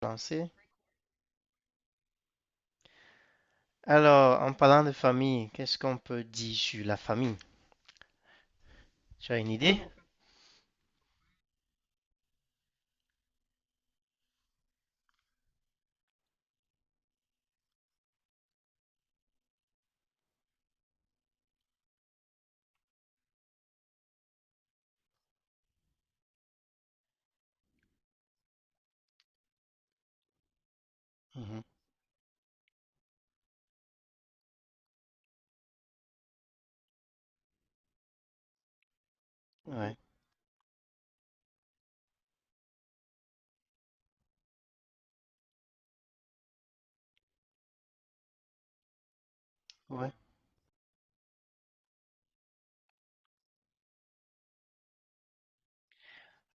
Lancer. Alors, en parlant de famille, qu'est-ce qu'on peut dire sur la famille? Tu as une idée? Mhm. Ouais, ouais.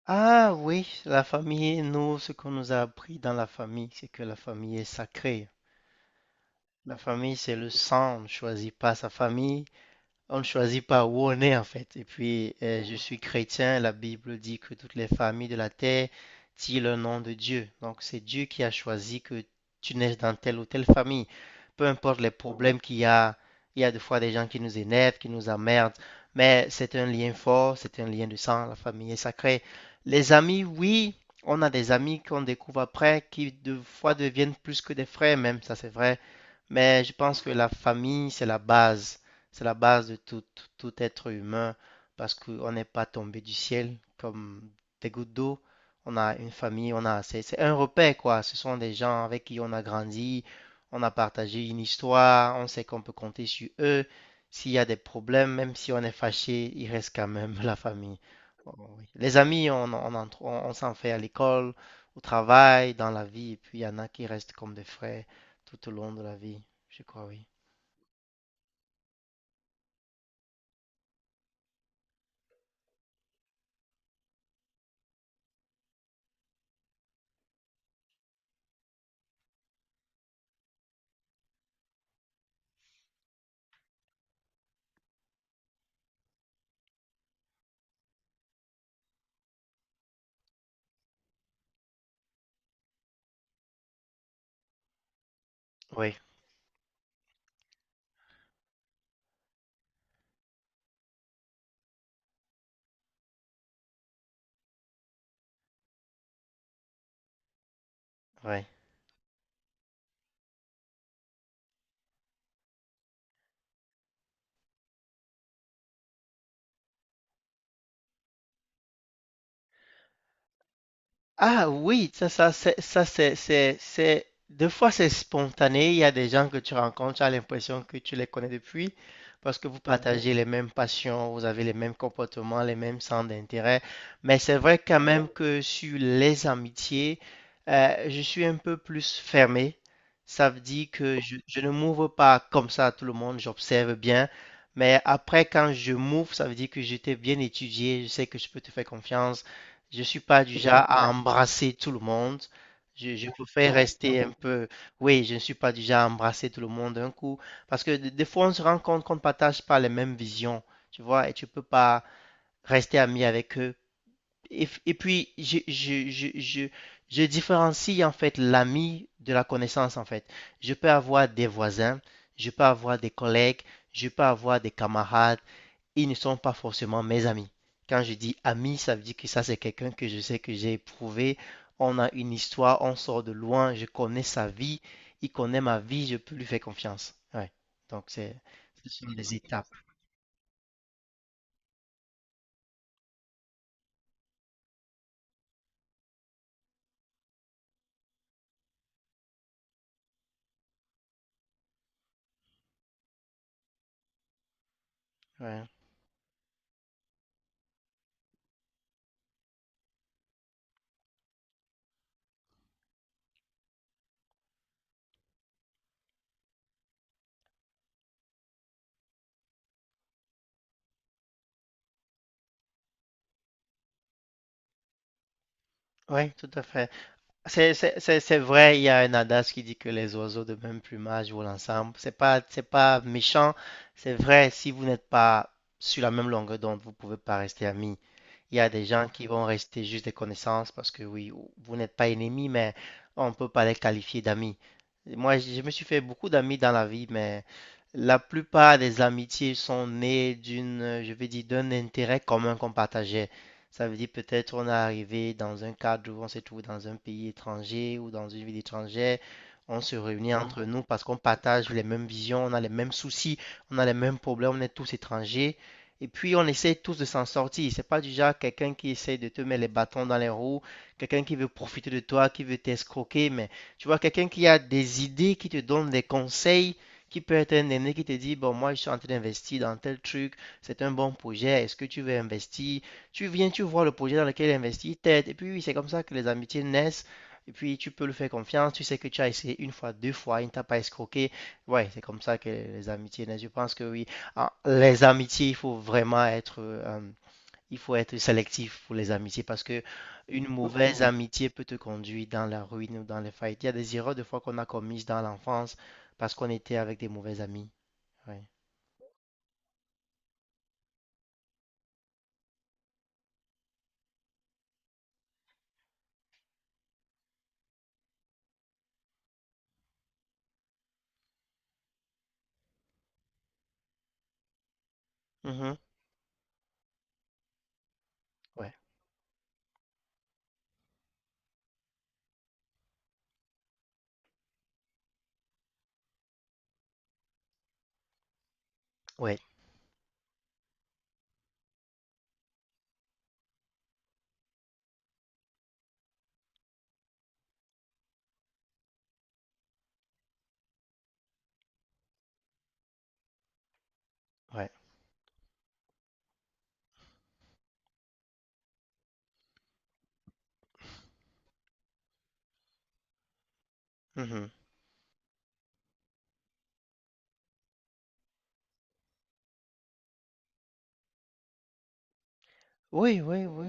Ah oui, la famille, nous, ce qu'on nous a appris dans la famille, c'est que la famille est sacrée. La famille, c'est le sang, on ne choisit pas sa famille. On ne choisit pas où on est en fait. Et puis, je suis chrétien. La Bible dit que toutes les familles de la terre tirent le nom de Dieu. Donc, c'est Dieu qui a choisi que tu naisses dans telle ou telle famille. Peu importe les problèmes qu'il y a, il y a des fois des gens qui nous énervent, qui nous emmerdent, mais c'est un lien fort, c'est un lien de sang. La famille est sacrée. Les amis, oui, on a des amis qu'on découvre après qui des fois deviennent plus que des frères, même, ça c'est vrai. Mais je pense que la famille, c'est la base. C'est la base de tout être humain parce qu'on n'est pas tombé du ciel comme des gouttes d'eau. On a une famille, c'est un repère quoi. Ce sont des gens avec qui on a grandi, on a partagé une histoire, on sait qu'on peut compter sur eux. S'il y a des problèmes, même si on est fâché, il reste quand même la famille. Oh, oui. Les amis, on, en tr- on s'en fait à l'école, au travail, dans la vie, et puis il y en a qui restent comme des frères tout au long de la vie, je crois, oui. Oui, oui. Ah oui, ça, ça, c'est, des fois c'est spontané. Il y a des gens que tu rencontres, tu as l'impression que tu les connais depuis parce que vous partagez les mêmes passions, vous avez les mêmes comportements, les mêmes centres d'intérêt. Mais c'est vrai quand même que sur les amitiés, je suis un peu plus fermé. Ça veut dire que je ne m'ouvre pas comme ça à tout le monde, j'observe bien. Mais après, quand je m'ouvre, ça veut dire que j'étais bien étudié, je sais que je peux te faire confiance. Je suis pas du genre à embrasser tout le monde. Je préfère rester un peu. Oui, je ne suis pas du genre à embrasser tout le monde d'un coup. Parce que des fois, on se rend compte qu'on ne partage pas les mêmes visions. Tu vois, et tu peux pas rester ami avec eux. Et puis, je différencie en fait l'ami de la connaissance en fait. Je peux avoir des voisins, je peux avoir des collègues, je peux avoir des camarades, ils ne sont pas forcément mes amis. Quand je dis ami, ça veut dire que ça, c'est quelqu'un que je sais que j'ai éprouvé. On a une histoire, on sort de loin, je connais sa vie, il connaît ma vie, je peux lui faire confiance. Ouais. Donc, ce sont les étapes. Ouais. Oui, tout à fait. C'est vrai, il y a un adage qui dit que les oiseaux de même plumage volent ensemble. C'est pas méchant, c'est vrai, si vous n'êtes pas sur la même longueur d'onde, vous pouvez pas rester amis. Il y a des gens qui vont rester juste des connaissances parce que oui, vous n'êtes pas ennemis, mais on ne peut pas les qualifier d'amis. Moi, je me suis fait beaucoup d'amis dans la vie, mais la plupart des amitiés sont nées d'une, je vais dire, d'un intérêt commun qu'on partageait. Ça veut dire peut-être on est arrivé dans un cadre où on se trouve dans un pays étranger ou dans une ville étrangère. On se réunit entre nous parce qu'on partage les mêmes visions, on a les mêmes soucis, on a les mêmes problèmes, on est tous étrangers. Et puis, on essaie tous de s'en sortir. C'est pas du genre quelqu'un qui essaie de te mettre les bâtons dans les roues, quelqu'un qui veut profiter de toi, qui veut t'escroquer. Mais tu vois, quelqu'un qui a des idées, qui te donne des conseils, qui peut être un aîné qui te dit, bon, moi, je suis en train d'investir dans tel truc, c'est un bon projet, est-ce que tu veux investir? Tu viens, tu vois le projet dans lequel il investit, t'aides. Et puis, oui, c'est comme ça que les amitiés naissent. Et puis, tu peux lui faire confiance. Tu sais que tu as essayé une fois, deux fois, il ne t'a pas escroqué. Ouais, c'est comme ça que les amitiés naissent. Je pense que oui. Ah, les amitiés, il faut vraiment être, il faut être sélectif pour les amitiés parce que une mauvaise amitié peut te conduire dans la ruine ou dans les faillites. Il y a des erreurs de fois qu'on a commises dans l'enfance parce qu'on était avec des mauvais amis. Ouais. Mhm. Ouais. Ouais. Ouais. Mhm. Oui, oui, oui.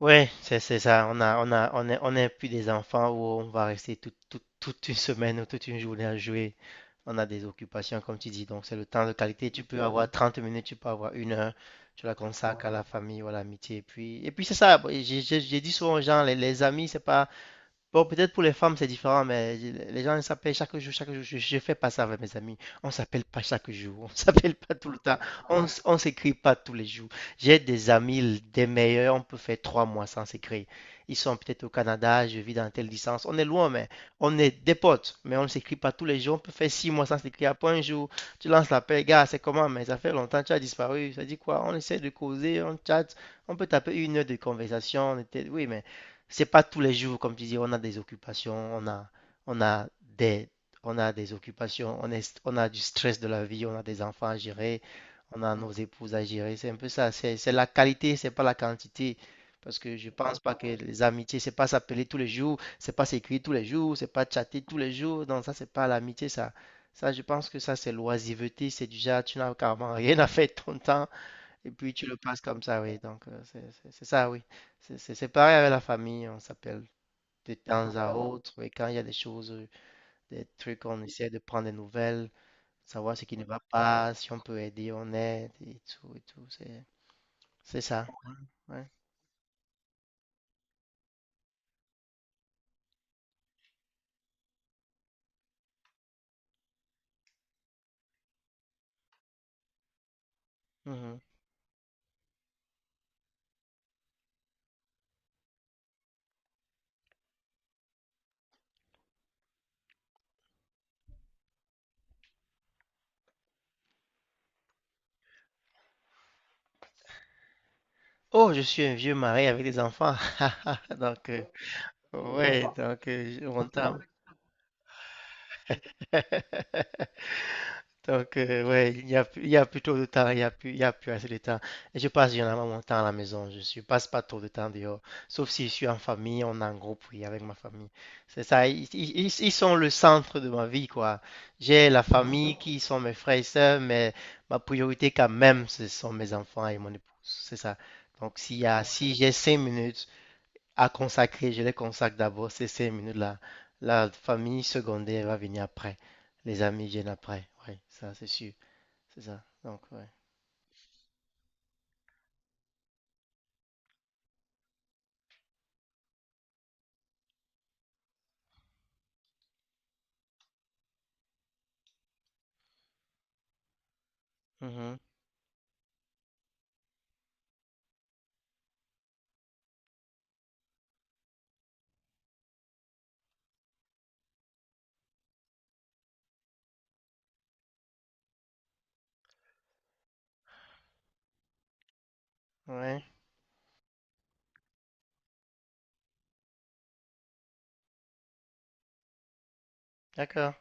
Ouais, c'est ça. On a, on a, on est, On n'est plus des enfants où on va rester toute une semaine ou toute une journée à jouer. On a des occupations, comme tu dis. Donc, c'est le temps de qualité. Tu peux avoir 30 minutes, tu peux avoir une heure. Tu la consacres à la famille ou à l'amitié. Et puis, c'est ça. Bon, j'ai dit souvent aux gens, les amis, c'est pas. Bon, peut-être pour les femmes c'est différent, mais les gens ils s'appellent chaque jour, chaque jour. Je fais pas ça avec mes amis. On s'appelle pas chaque jour, on s'appelle pas tout le temps, on s'écrit pas tous les jours. J'ai des amis, des meilleurs, on peut faire 3 mois sans s'écrire. Ils sont peut-être au Canada, je vis dans telle distance. On est loin, mais on est des potes, mais on ne s'écrit pas tous les jours. On peut faire 6 mois sans s'écrire. Après un jour, tu lances l'appel, gars, c'est comment? Mais ça fait longtemps, tu as disparu. Ça dit quoi? On essaie de causer, on chatte, on peut taper une heure de conversation. Oui, mais c'est pas tous les jours, comme tu dis, on a des occupations, on a des, on a des occupations, on a du stress de la vie, on a des enfants à gérer, on a nos épouses à gérer. C'est un peu ça. C'est la qualité, c'est pas la quantité. Parce que je pense pas que les amitiés, c'est pas s'appeler tous les jours, c'est pas s'écrire tous les jours, c'est pas chatter tous les jours. Non, ça, c'est pas l'amitié, ça. Ça, je pense que ça, c'est l'oisiveté. C'est déjà, tu n'as carrément rien à faire de ton temps. Et puis tu le passes comme ça, oui. Donc c'est ça, oui. C'est pareil avec la famille, on s'appelle de temps à autre. Et quand il y a des choses, des trucs, on essaie de prendre des nouvelles, savoir ce qui ne va pas, si on peut aider, on aide et tout et tout. C'est ça. Ouais. Mhm. Oh, je suis un vieux mari avec des enfants. Donc, ouais, donc on t'aime. Donc, ouais, il y a plus trop de temps, il y a plus assez de temps. Et je passe généralement mon temps à la maison, je ne passe pas trop de temps dehors, sauf si je suis en famille, on est en groupe, oui, avec ma famille. C'est ça, ils sont le centre de ma vie, quoi. J'ai la famille qui sont mes frères et sœurs, mais ma priorité quand même, ce sont mes enfants et mon épouse, c'est ça. Donc, si j'ai 5 minutes à consacrer, je les consacre d'abord ces 5 minutes-là. La famille secondaire va venir après. Les amis viennent après. Oui, ça, c'est sûr. C'est ça. Donc, ouais. Mhm. Ouais, d'accord.